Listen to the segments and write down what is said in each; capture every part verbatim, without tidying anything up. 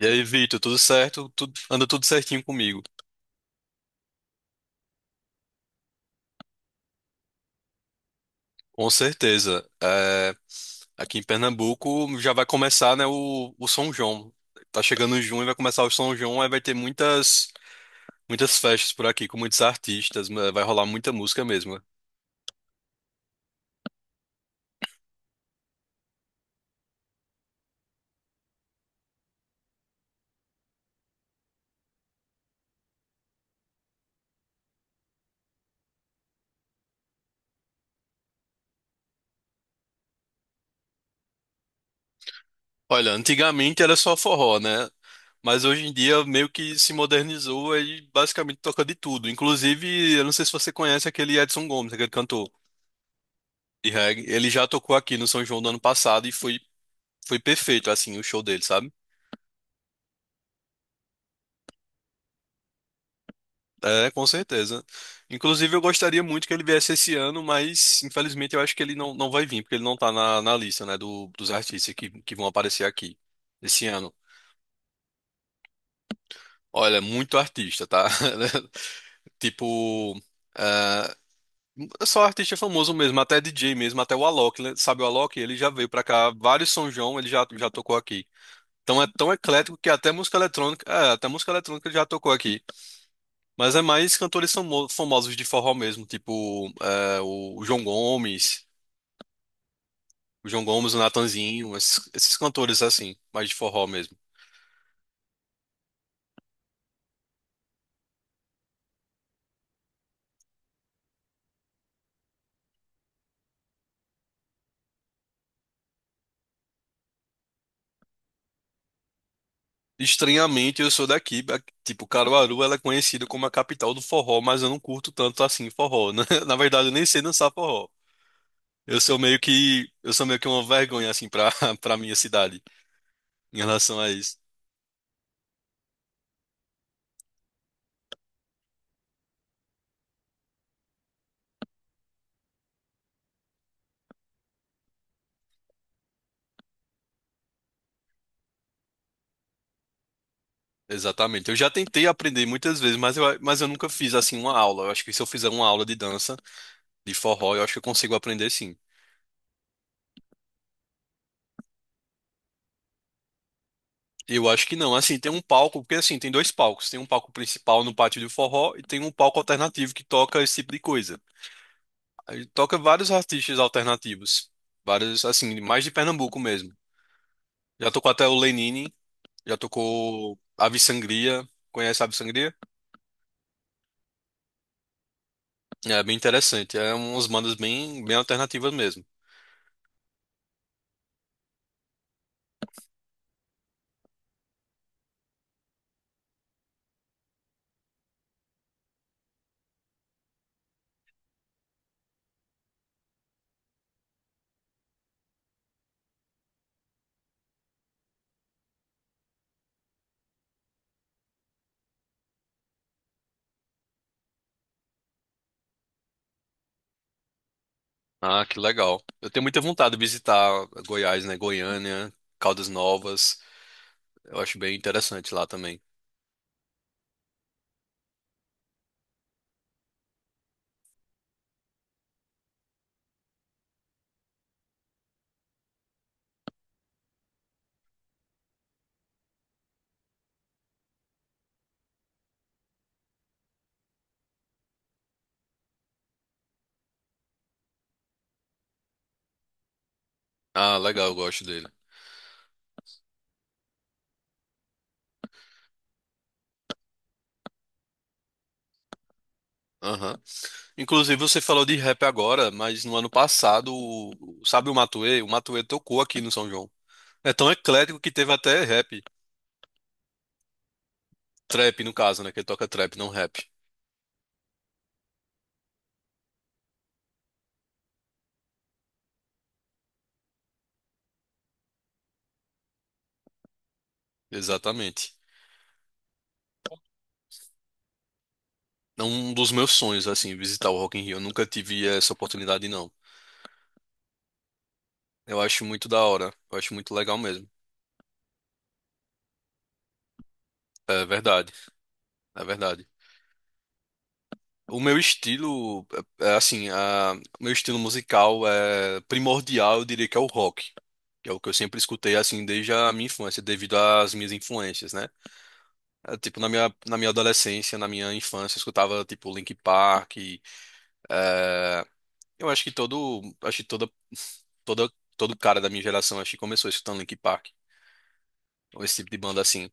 E aí, Vitor, tudo certo? Tudo- anda tudo certinho comigo, com certeza. É, aqui em Pernambuco já vai começar, né, o, o São João. Tá chegando em junho e vai começar o São João, aí vai ter muitas, muitas festas por aqui com muitos artistas, né, vai rolar muita música mesmo. Olha, antigamente era só forró, né? Mas hoje em dia meio que se modernizou e basicamente toca de tudo. Inclusive, eu não sei se você conhece aquele Edson Gomes, aquele cantor de reggae. Ele já tocou aqui no São João do ano passado e foi Foi perfeito, assim, o show dele, sabe? É, com certeza. Inclusive, eu gostaria muito que ele viesse esse ano, mas infelizmente eu acho que ele não, não vai vir, porque ele não tá na, na lista, né, do, dos artistas que, que vão aparecer aqui esse ano. Olha, muito artista, tá? Tipo, ah, só artista famoso mesmo, até D J mesmo, até o Alok, né? Sabe o Alok? Ele já veio pra cá, vários São João ele já, já tocou aqui. Então é tão eclético que até música eletrônica, é, até música eletrônica ele já tocou aqui. Mas é mais cantores famo- famosos de forró mesmo, tipo é, o João Gomes, o João Gomes, o Natanzinho, esses, esses cantores assim, mais de forró mesmo. Estranhamente, eu sou daqui, ba- tipo, Caruaru, ela é conhecida como a capital do forró, mas eu não curto tanto assim forró, né? Na verdade, eu nem sei dançar forró. Eu sou meio que, eu sou meio que uma vergonha assim para para minha cidade em relação a isso. Exatamente. Eu já tentei aprender muitas vezes, mas eu, mas eu nunca fiz assim uma aula. Eu acho que se eu fizer uma aula de dança De forró, eu acho que eu consigo aprender sim. Eu acho que não. Assim, tem um palco, porque assim, tem dois palcos. Tem um palco principal no pátio do forró e tem um palco alternativo que toca esse tipo de coisa. Aí toca vários artistas alternativos. Vários, assim, mais de Pernambuco mesmo. Já tocou até o Lenine, já tocou Ave Sangria. Conhece Ave Sangria? É bem interessante. É umas bandas bem, bem alternativas mesmo. Ah, que legal. Eu tenho muita vontade de visitar Goiás, né? Goiânia, Caldas Novas. Eu acho bem interessante lá também. Ah, legal, eu gosto dele. Aham. Inclusive, você falou de rap agora, mas no ano passado, o- sabe o Matuê? O Matuê tocou aqui no São João. É tão eclético que teve até rap. Trap, no caso, né? Que ele toca trap, não rap. Exatamente. É um dos meus sonhos, assim, visitar o Rock in Rio. Eu nunca tive essa oportunidade, não. Eu acho muito da hora. Eu acho muito legal mesmo. É verdade. É verdade. O meu estilo, é, é assim, a, o meu estilo musical é primordial, eu diria que é o rock. Que É o que eu sempre escutei assim desde a minha infância, devido às minhas influências, né? Eh, Tipo, na minha, na minha adolescência, na minha infância, eu escutava tipo Linkin Park. E eu acho que todo, acho que toda, toda, todo cara da minha geração acho que começou escutando Linkin Park, ou esse tipo de banda assim.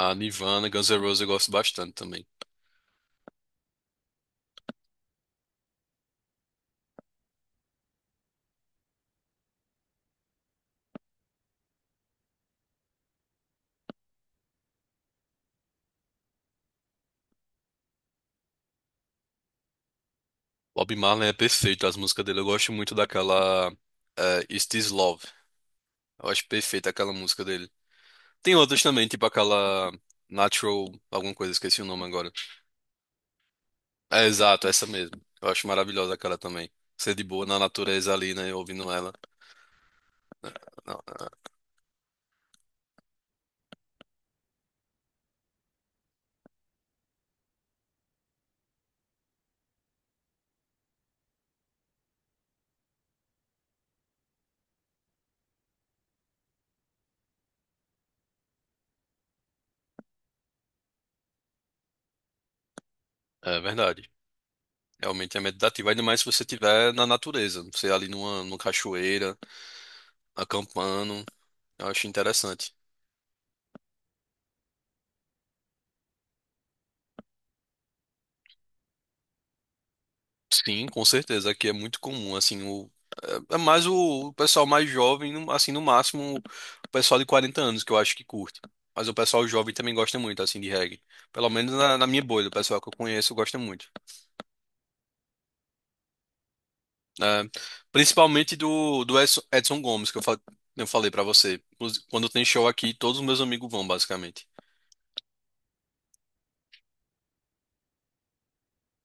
A Nirvana, Guns N' Roses eu gosto bastante também. Bob Marley é perfeito, as músicas dele eu gosto muito daquela eh, Is This Love. Eu acho perfeita aquela música dele. Tem outras também, tipo aquela Natural, alguma coisa, esqueci o nome agora. É, exato, essa mesmo. Eu acho maravilhosa aquela também. Ser de boa na natureza ali, né? Ouvindo ela. Não, é verdade. Realmente é meditativo. Ainda mais se você estiver na natureza. Você ali numa, numa cachoeira, acampando. Eu acho interessante. Sim, com certeza. Aqui é muito comum, assim, o é é mais o pessoal mais jovem, no- assim, no máximo o pessoal de quarenta anos que eu acho que curte. Mas o pessoal jovem também gosta muito, assim, de reggae. Pelo menos na, na minha bolha, o pessoal que eu conheço gosta muito. Né? Principalmente do, do Edson, Edson Gomes, que eu, fa eu falei pra você. Inclusi- Quando tem show aqui, todos os meus amigos vão, basicamente.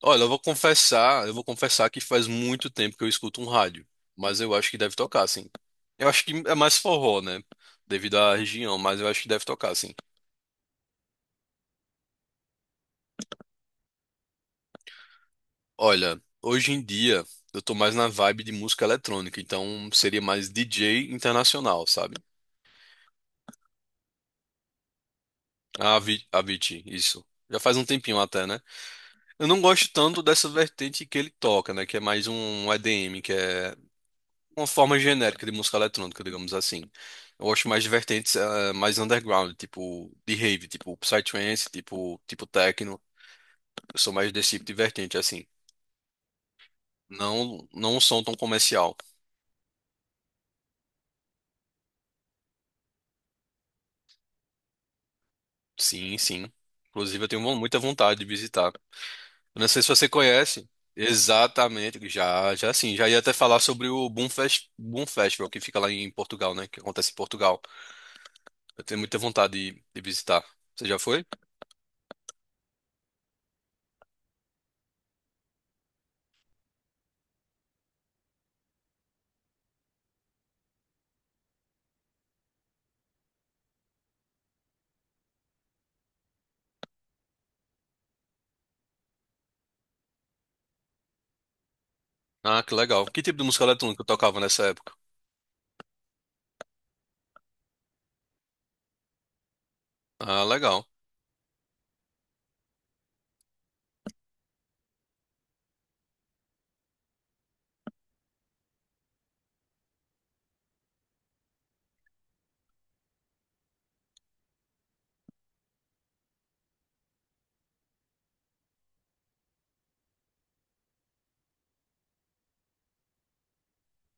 Olha, eu vou confessar, eu vou confessar que faz muito tempo que eu escuto um rádio, mas eu acho que deve tocar, sim. Eu acho que é mais forró, né? Devido à região, mas eu acho que deve tocar, sim. Olha, hoje em dia eu tô mais na vibe de música eletrônica, então seria mais D J internacional, sabe? A Avi- Avicii, isso. Já faz um tempinho até, né? Eu não gosto tanto dessa vertente que ele toca, né? Que é mais um E D M, que é uma forma genérica de música eletrônica, digamos assim. Eu acho mais de vertentes eh, mais underground, tipo de rave, tipo psytrance, tipo tipo techno. Eu sou mais desse tipo de vertente, assim. Não não um som tão comercial. Sim, sim. Inclusive eu tenho mu- muita vontade de visitar. Eu não sei se você conhece. Exatamente, já já sim, já ia até falar sobre o Boom Fest, Boom Festival que fica lá em Portugal, né? Que acontece em Portugal. Eu tenho muita vontade de, de visitar. Você já foi? Ah, que legal. Que tipo de música eletrônica eu tocava nessa época? Ah, legal.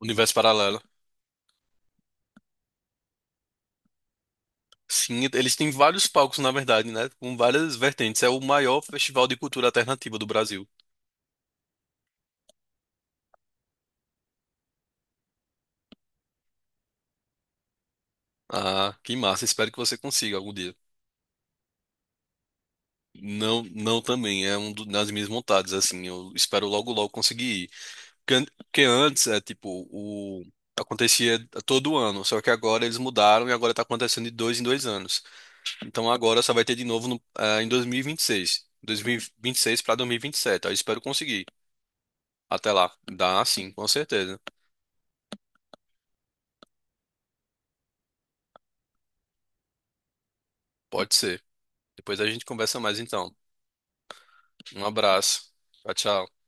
Universo Paralelo. Sim, eles têm vários palcos, na verdade, né? Com várias vertentes. É o maior festival de cultura alternativa do Brasil. Ah, que massa. Espero que você consiga algum dia. Não, não também. É um do- das minhas vontades, assim. Eu espero logo, logo conseguir ir. Porque, an- porque antes, é tipo, o... acontecia todo ano. Só que agora eles mudaram e agora tá acontecendo de dois em dois anos. Então agora só vai ter de novo no, ah, em dois mil e vinte e seis. dois mil e vinte e seis para dois mil e vinte e sete. Aí eu espero conseguir. Até lá. Dá sim, com certeza. Pode ser. Depois a gente conversa mais então. Um abraço. Tchau, tchau.